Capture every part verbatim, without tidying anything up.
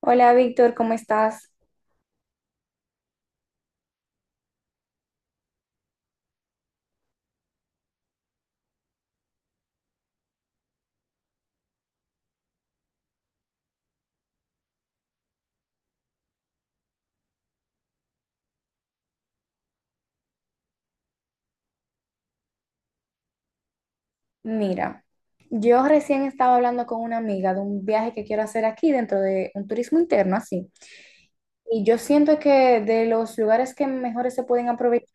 Hola Víctor, ¿cómo estás? Mira, yo recién estaba hablando con una amiga de un viaje que quiero hacer aquí dentro de un turismo interno, así. Y yo siento que de los lugares que mejores se pueden aprovechar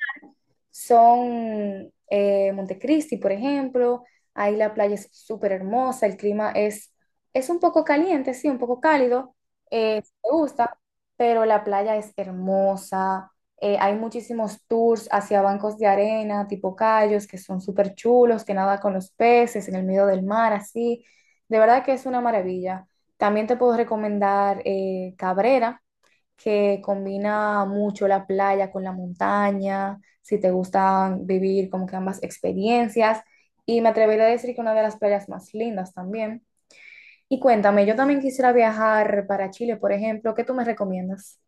son eh, Montecristi, por ejemplo. Ahí la playa es súper hermosa, el clima es, es un poco caliente, sí, un poco cálido, eh, si te gusta, pero la playa es hermosa. Eh, hay muchísimos tours hacia bancos de arena, tipo cayos, que son súper chulos, que nada con los peces en el medio del mar, así. De verdad que es una maravilla. También te puedo recomendar eh, Cabrera, que combina mucho la playa con la montaña, si te gusta vivir como que ambas experiencias. Y me atrevería a decir que una de las playas más lindas también. Y cuéntame, yo también quisiera viajar para Chile, por ejemplo, ¿qué tú me recomiendas?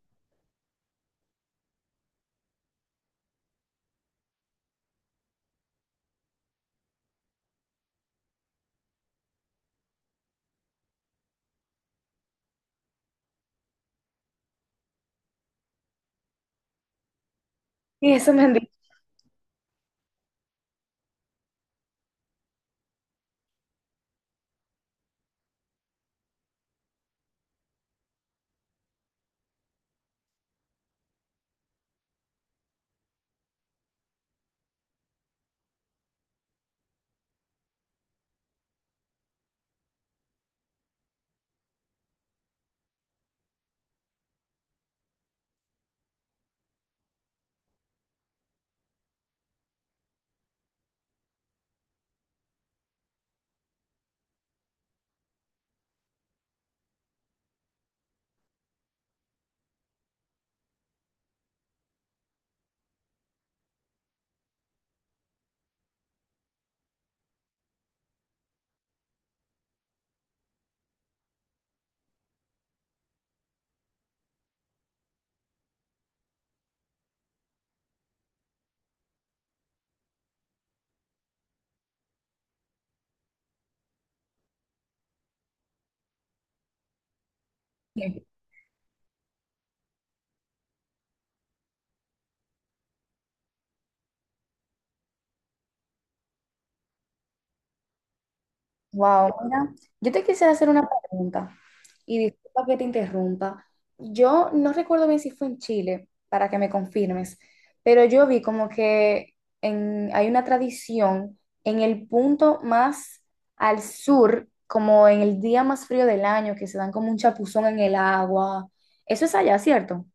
Y eso me han dicho. Wow, mira, yo te quisiera hacer una pregunta y disculpa que te interrumpa. Yo no recuerdo bien si fue en Chile, para que me confirmes, pero yo vi como que en- hay una tradición en el punto más al sur, como en el día más frío del año, que se dan como un chapuzón en el agua. Eso es allá, ¿cierto?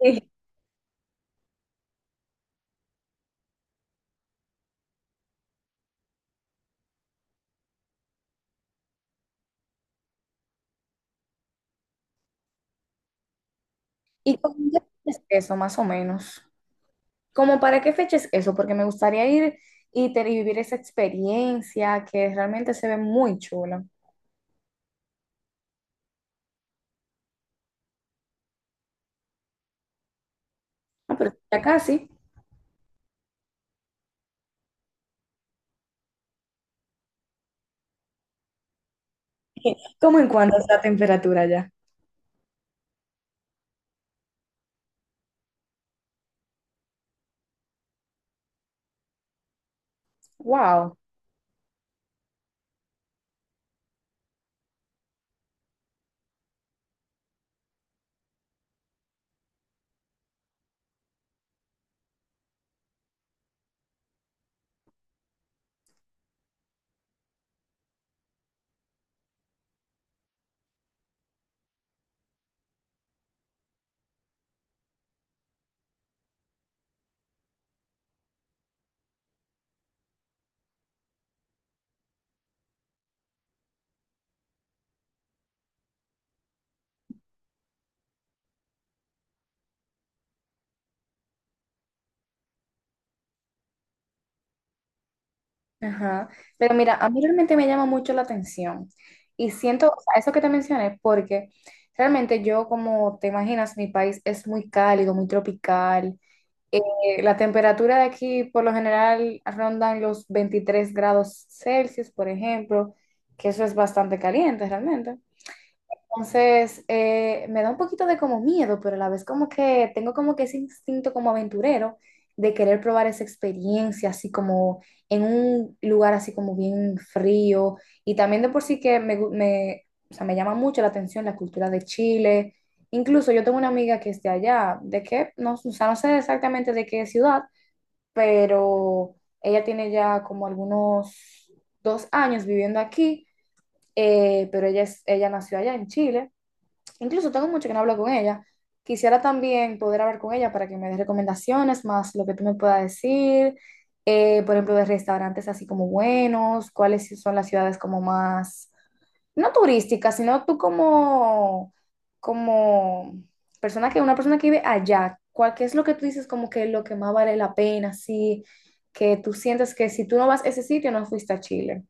Sí. ¿Y cómo es eso, más o menos? ¿Como para qué fecha es eso? Porque me gustaría ir y, te- y vivir esa experiencia que realmente se ve muy chula. Ah, pero ya casi. ¿Cómo en cuanto está la temperatura ya? Wow. Ajá. Pero mira, a mí realmente me llama mucho la atención. Y siento, o sea, eso que te mencioné, porque realmente yo, como te imaginas, mi país es muy cálido, muy tropical. Eh, la temperatura de aquí por lo general rondan los veintitrés grados Celsius, por ejemplo, que eso es bastante caliente realmente. Entonces, eh, me da un poquito de como miedo, pero a la vez como que tengo como que ese instinto como aventurero de querer probar esa experiencia, así como en un lugar así como bien frío. Y también de por sí que me, gu- me, o sea, me llama mucho la atención la cultura de Chile. Incluso yo tengo una amiga que es de allá, de que, no, o sea, no sé exactamente de qué ciudad, pero ella tiene ya como algunos dos años viviendo aquí, eh, pero ella, es, ella nació allá en Chile. Incluso tengo mucho que no hablo con ella. Quisiera también poder hablar con ella para que me dé recomendaciones, más lo que tú me puedas decir, eh, por ejemplo, de restaurantes así como buenos, cuáles sí son las ciudades como más, no turísticas, sino tú como, como persona que, una persona que vive allá, ¿cuál, qué es lo que tú dices como que lo que más vale la pena, sí, que tú sientes que si tú no vas a ese sitio, no fuiste a Chile?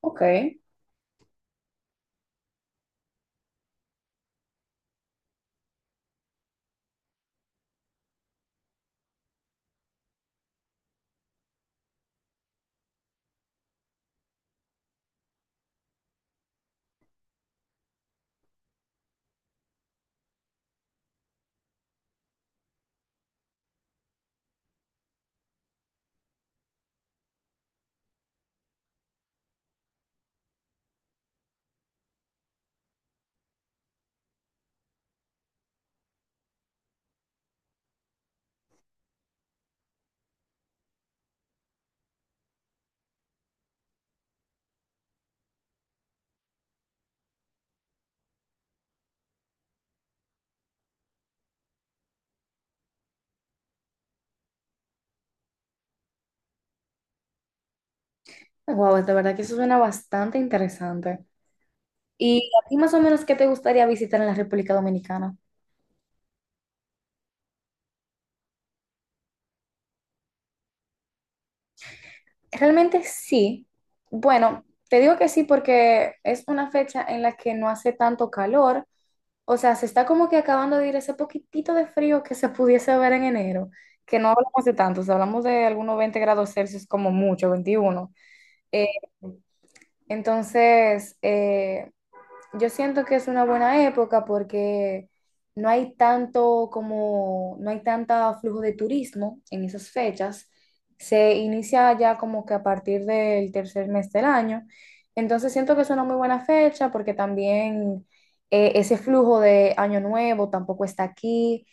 Ok. Wow, de verdad que eso suena bastante interesante. ¿Y a ti más o menos qué te gustaría visitar en la República Dominicana? Realmente sí. Bueno, te digo que sí porque es una fecha en la que no hace tanto calor. O sea, se está como que acabando de ir ese poquitito de frío que se pudiese ver en enero, que no hablamos de tantos, hablamos de algunos veinte grados Celsius como mucho, veintiuno. Entonces, eh, yo siento que es una buena época porque no hay tanto como, no hay tanta flujo de turismo en esas fechas. Se inicia ya como que a partir del tercer mes del año. Entonces siento que es una muy buena fecha porque también eh, ese flujo de Año Nuevo tampoco está aquí.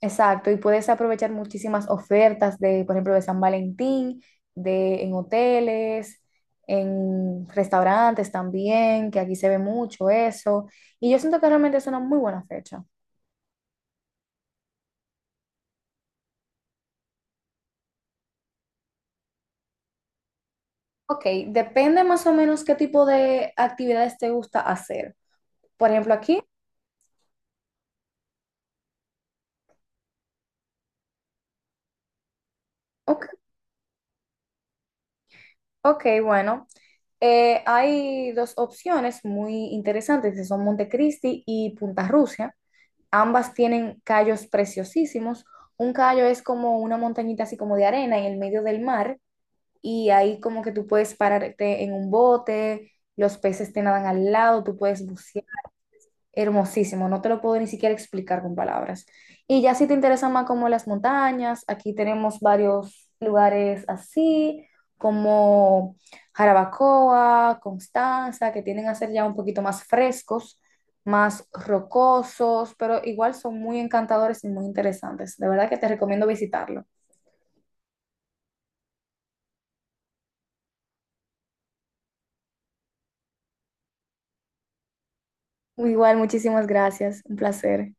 Exacto, y puedes aprovechar muchísimas ofertas de, por ejemplo, de San Valentín, de en hoteles, en restaurantes también, que aquí se ve mucho eso. Y yo siento que realmente es una muy buena fecha. Ok, depende más o menos qué tipo de actividades te gusta hacer. Por ejemplo, aquí, ok, ok, bueno, eh, hay dos opciones muy interesantes, que son Montecristi y Punta Rusia. Ambas tienen callos preciosísimos. Un callo es como una montañita así como de arena en el medio del mar y ahí como que tú puedes pararte en un bote, los peces te nadan al lado, tú puedes bucear. Hermosísimo, no te lo puedo ni siquiera explicar con palabras. Y ya si te interesan más como las montañas, aquí tenemos varios lugares así, como Jarabacoa, Constanza, que tienden a ser ya un poquito más frescos, más rocosos, pero igual son muy encantadores y muy interesantes. De verdad que te recomiendo visitarlo. Igual, muchísimas gracias, un placer.